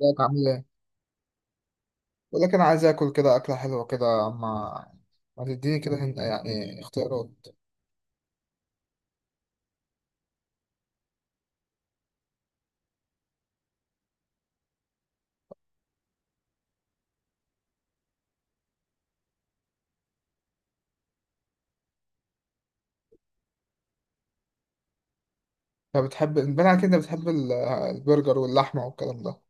ازيك عامل ايه؟ بقول لك انا عايز اكل كده اكله حلوه كده ما تديني كده يعني اختيارات. انت بتحب، باين عليك انت بتحب البرجر واللحمه والكلام ده.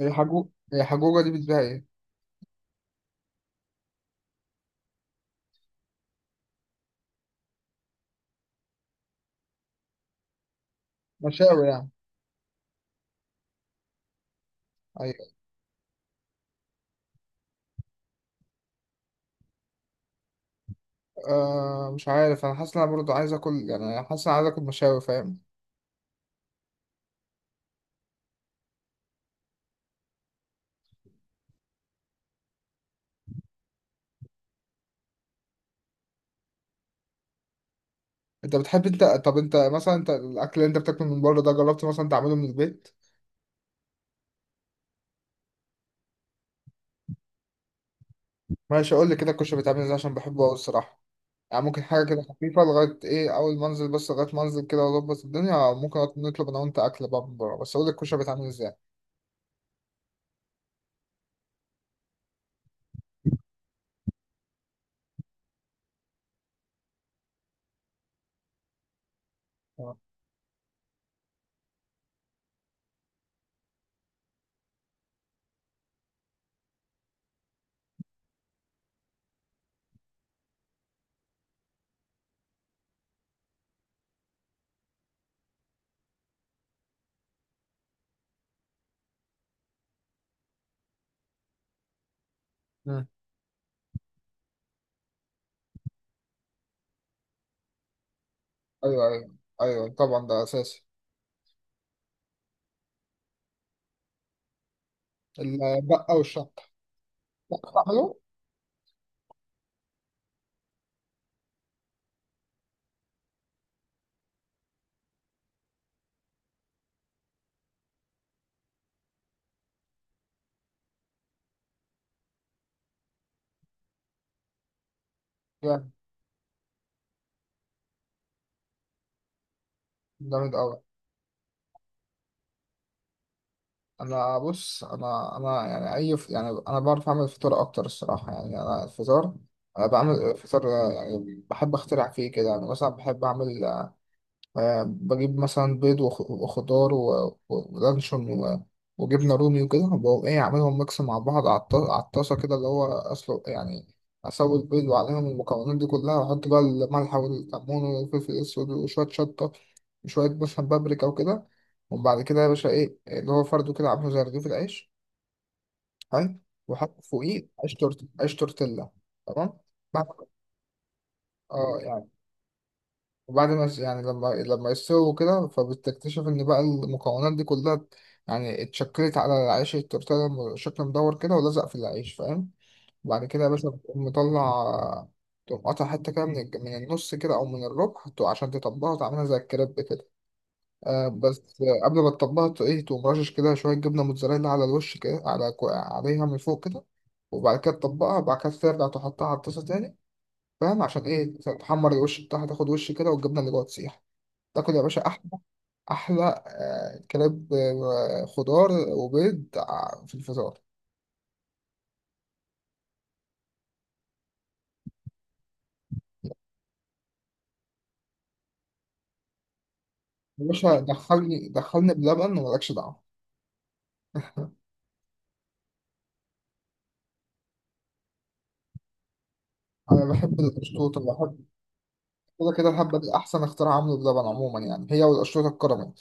هي حجوجه دي بتبيع ايه؟ مشاوي يعني. ايوه. مش عارف، انا حاسس ان انا برضه عايز اكل يعني، أنا حاسس ان انا عايز اكل مشاوي فاهم. انت بتحب، انت الاكل اللي انت بتاكله من بره ده جربت مثلا تعمله من البيت؟ ماشي قول لي كده الكشري بيتعمل ازاي عشان بحبه قوي الصراحه. يعني ممكن حاجة كده خفيفة لغاية إيه، أول ما أنزل بس لغاية ما أنزل كده وأظبط الدنيا، ممكن نطلب أنا وأنت أكل بقى من بره، بس أقول لك الكشري بيتعمل إزاي. اه. مم. أيوه أيوه. أيوه طبعا ده أساسي. البقة والشطة. بتعمله. جامد. جامد أوي. أنا بص، أنا أنا يعني يعني أنا بعرف أعمل فطار أكتر الصراحة يعني، أنا الفطار، أنا بعمل فطار يعني بحب أخترع فيه كده، يعني مثلا بحب أعمل، بجيب مثلا بيض وخضار ولانشون وجبنة رومي وكده، وبقوم إيه أعملهم ميكس مع بعض على الطاسة كده اللي هو أسلق يعني، أسوي البيض وعليهم المكونات دي كلها، وأحط بقى الملح والكمون والفلفل الأسود وشوية شطة وشوية مثلا بابريكا وكده. وبعد كده يا باشا إيه، اللي هو فرده كده عامله زي رغيف العيش. حلو. وأحط فوقيه عيش تورت، عيش تورتيلا. تمام. بعد- اه يعني، وبعد ما يعني لما يستووا كده، فبتكتشف ان بقى المكونات دي كلها يعني اتشكلت على العيش التورتيلا، شكل مدور كده ولزق في العيش فاهم. وبعد كده يا باشا بتقوم مطلع، تقوم قاطع حتة كده من النص كده، أو من الربع عشان تطبقها وتعملها زي الكريب كده. آه بس آه، قبل ما تطبقها تو- إيه تقوم رشش كده شوية جبنة موتزاريلا على الوش كده، على عليها من فوق كده. وبعد كده تطبقها، وبعد كده ترجع تحطها على الطاسة تاني فاهم عشان إيه، تحمر الوش بتاعها، تاخد وش كده والجبنة اللي جوه تسيح. تاكل يا باشا احلى. احلى كباب، خضار وبيض في الفطار. يا باشا دخلني دخلني بلبن ومالكش دعوه. انا بحب القشطوطه بحب. كده كده الهبه دي احسن اختراع عمله بلبن عموما يعني، هي والقشطوطه الكراميل.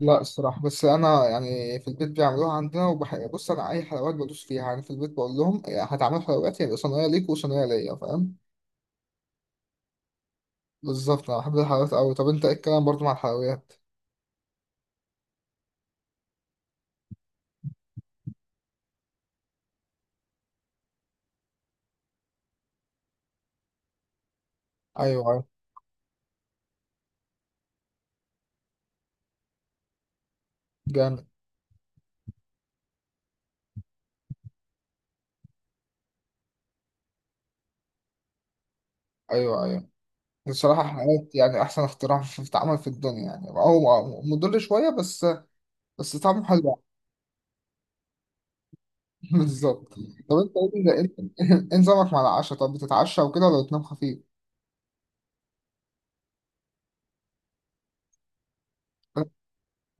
لا الصراحه، بس انا يعني في البيت بيعملوها عندنا وبحب، بص انا اي حلويات بدوس فيها يعني، في البيت بقول لهم هتعملوا حلويات يبقى صينيه ليك وصينيه ليا فاهم. بالظبط، انا بحب الحلويات قوي. طب انت ايه الكلام برضو مع الحلويات؟ ايوه ايوه. جامد. ايوه ايوه. بصراحة حققت يعني أحسن اختراع في اتعمل في الدنيا يعني، هو مضر شوية بس، بس طعمه حلو. بالظبط. طيب، إيه نظامك مع العشاء، طب بتتعشى وكده ولا بتنام خفيف؟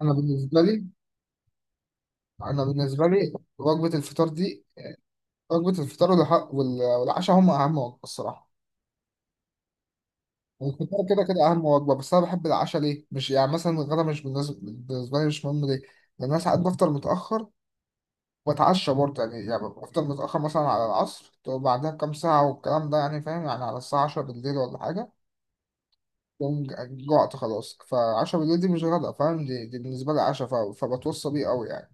أنا بالنسبة لي، أنا بالنسبة لي وجبة الفطار دي، وجبة الفطار والعشاء هم أهم وجبة الصراحة. والفطار كده كده أهم وجبة، بس أنا بحب العشاء ليه؟ مش يعني مثلا الغدا، مش بالنسبة، بالنسبة لي مش مهم ليه؟ لأن أنا ساعات بفطر متأخر واتعشى برضه يعني بفضل متأخر مثلا على العصر، وبعدها بكام ساعة والكلام ده يعني فاهم يعني، على الساعة 10 بالليل ولا حاجة. بقوم جوعت خلاص، فعشرة بالليل دي مش غدا فاهم، دي بالنسبة لي عشاء، فبتوصى بيه قوي يعني.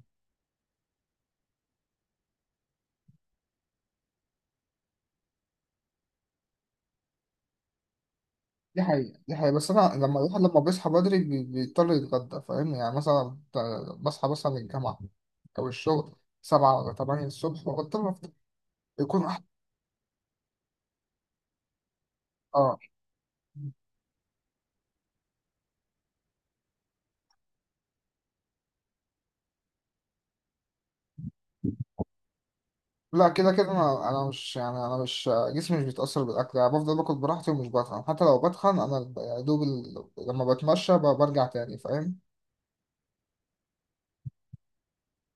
دي حقيقة دي حقيقة، بس أنا لما الواحد لما بيصحى بدري بيضطر يتغدى فاهم يعني، مثلا بصحى مثلا من الجامعة أو الشغل سبعة ولا تمانية الصبح وبضطر أفطر. يكون أحسن. آه، لا كده كده انا مش يعني، انا مش جسمي مش بيتاثر بالاكل يعني، بفضل باكل براحتي ومش بتخن، حتى لو بتخن انا يا دوب لما بتمشى برجع تاني فاهم.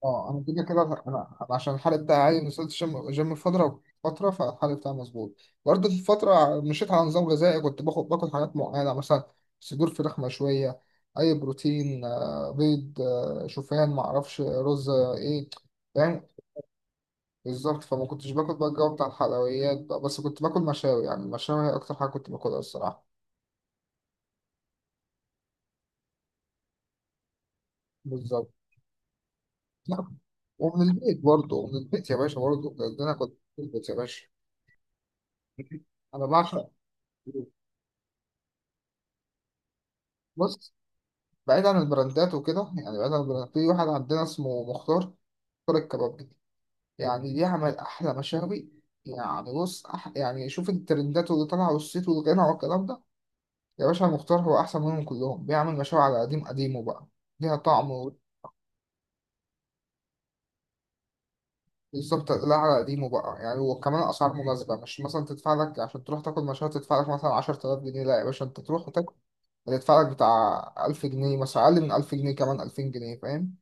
اه انا كده كده أنا عشان الحرق بتاعي عالي، وصلت جيم جيم فتره فتره، فالحرق بتاعي مظبوط. برضه في فتره مشيت على نظام غذائي، كنت باخد باكل حاجات معينه مثلا صدور فراخ مشويه، اي بروتين، بيض، شوفان، معرفش رز آه، ايه فاهم. بالظبط، فما كنتش باكل بقى الجو بتاع الحلويات بقى، بس كنت باكل مشاوي يعني، المشاوي هي أكتر حاجة كنت باكلها الصراحة. بالظبط. لا، ومن البيت برضه، من البيت يا باشا برضه، ده أنا كنت في البيت يا باشا. أنا بعشق. بص، بعيد عن البراندات وكده يعني، بعيد عن البراندات، في واحد عندنا اسمه مختار. مختار الكباب دي يعني بيعمل أحلى مشاوي. يعني بص يعني شوف الترندات واللي طالعة والصيت والغنى والكلام ده، يا باشا مختار هو أحسن منهم كلهم، بيعمل مشاوي على قديم قديمه بقى. ليها طعم. بالظبط. لا على قديمه بقى يعني، وكمان اسعار مناسبه، مش مثلا تدفع لك عشان تروح تاكل مشروع تدفع لك مثلا 10000 جنيه. لا يا باشا انت تروح وتاكل هتدفع لك بتاع 1000 جنيه مثلا، اقل من 1000 جنيه، كمان 2000 جنيه فاهم.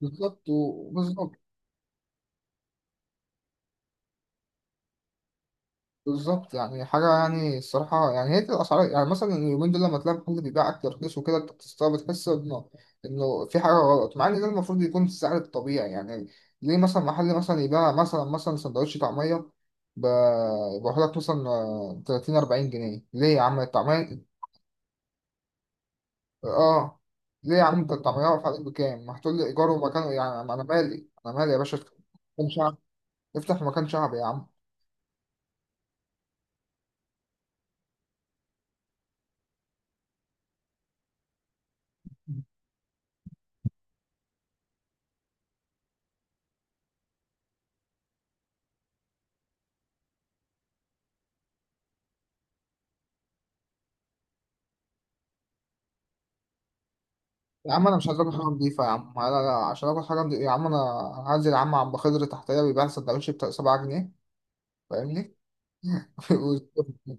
بالظبط وبالظبط بالظبط يعني حاجة يعني، الصراحة يعني هي دي الأسعار يعني، مثلا اليومين دول لما تلاقي محل بيبيع أكل رخيص وكده أنت بتستغرب، بتحس إنه، إنه في حاجة غلط، مع إن ده المفروض يكون السعر الطبيعي يعني. ليه مثلا محل مثلا يبيع مثلا سندوتش طعمية ب- بيقول لك مثلا، 30 40 جنيه؟ ليه يا عم الطعمية؟ آه ليه يا عم، أنت الطعمية واقف عليك بكام؟ ما هتقول لي إيجار ومكان يعني، أنا مالي، أنا مالي يا باشا، افتح مكان شعبي، افتح مكان شعبي يا عم. يا عم انا مش هضرب حاجه نضيفه يا عم، لا لا عشان اكل حاجه نضيفة. يا عم انا هنزل يا عم، عم خضر تحتيه بيبيع سندوتش ب 7 جنيه فاهمني.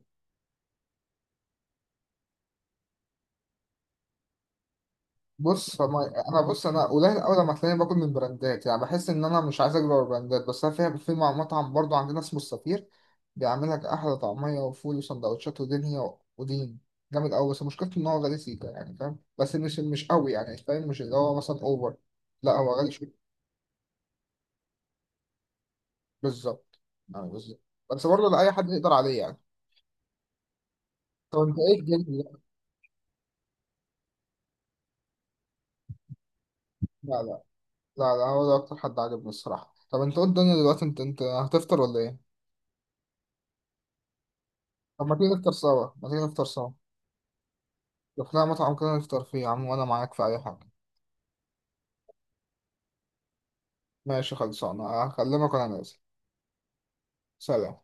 بص، فما انا، بص انا قليل قوي لما تلاقيني باكل من براندات يعني، بحس ان انا مش عايز اجرب البراندات، بس انا فيها في مطعم برضو عندنا اسمه السفير، بيعمل لك احلى طعميه وفول وسندوتشات ودنيا ودين، جامد قوي، بس مشكلته ان هو غالي سيكا يعني فاهم، بس مش قوي يعني فاهم، مش اللي هو مثلا اوفر. لا هو غالي شوية. بالظبط يعني بالظبط. بس برضه لاي حد يقدر عليه يعني. طب انت ايه الجيم؟ لا لا. لا لا لا، هو ده اكتر حد عجبني الصراحة. طب انت قول، الدنيا دلوقتي انت هتفطر ولا ايه؟ طب ما تيجي نفطر سوا، ما تيجي نفطر سوا، لو لنا مطعم كده نفطر فيه يا عم وانا معاك في اي حاجة. ماشي خلصانة، هكلمك وانا نازل. سلام.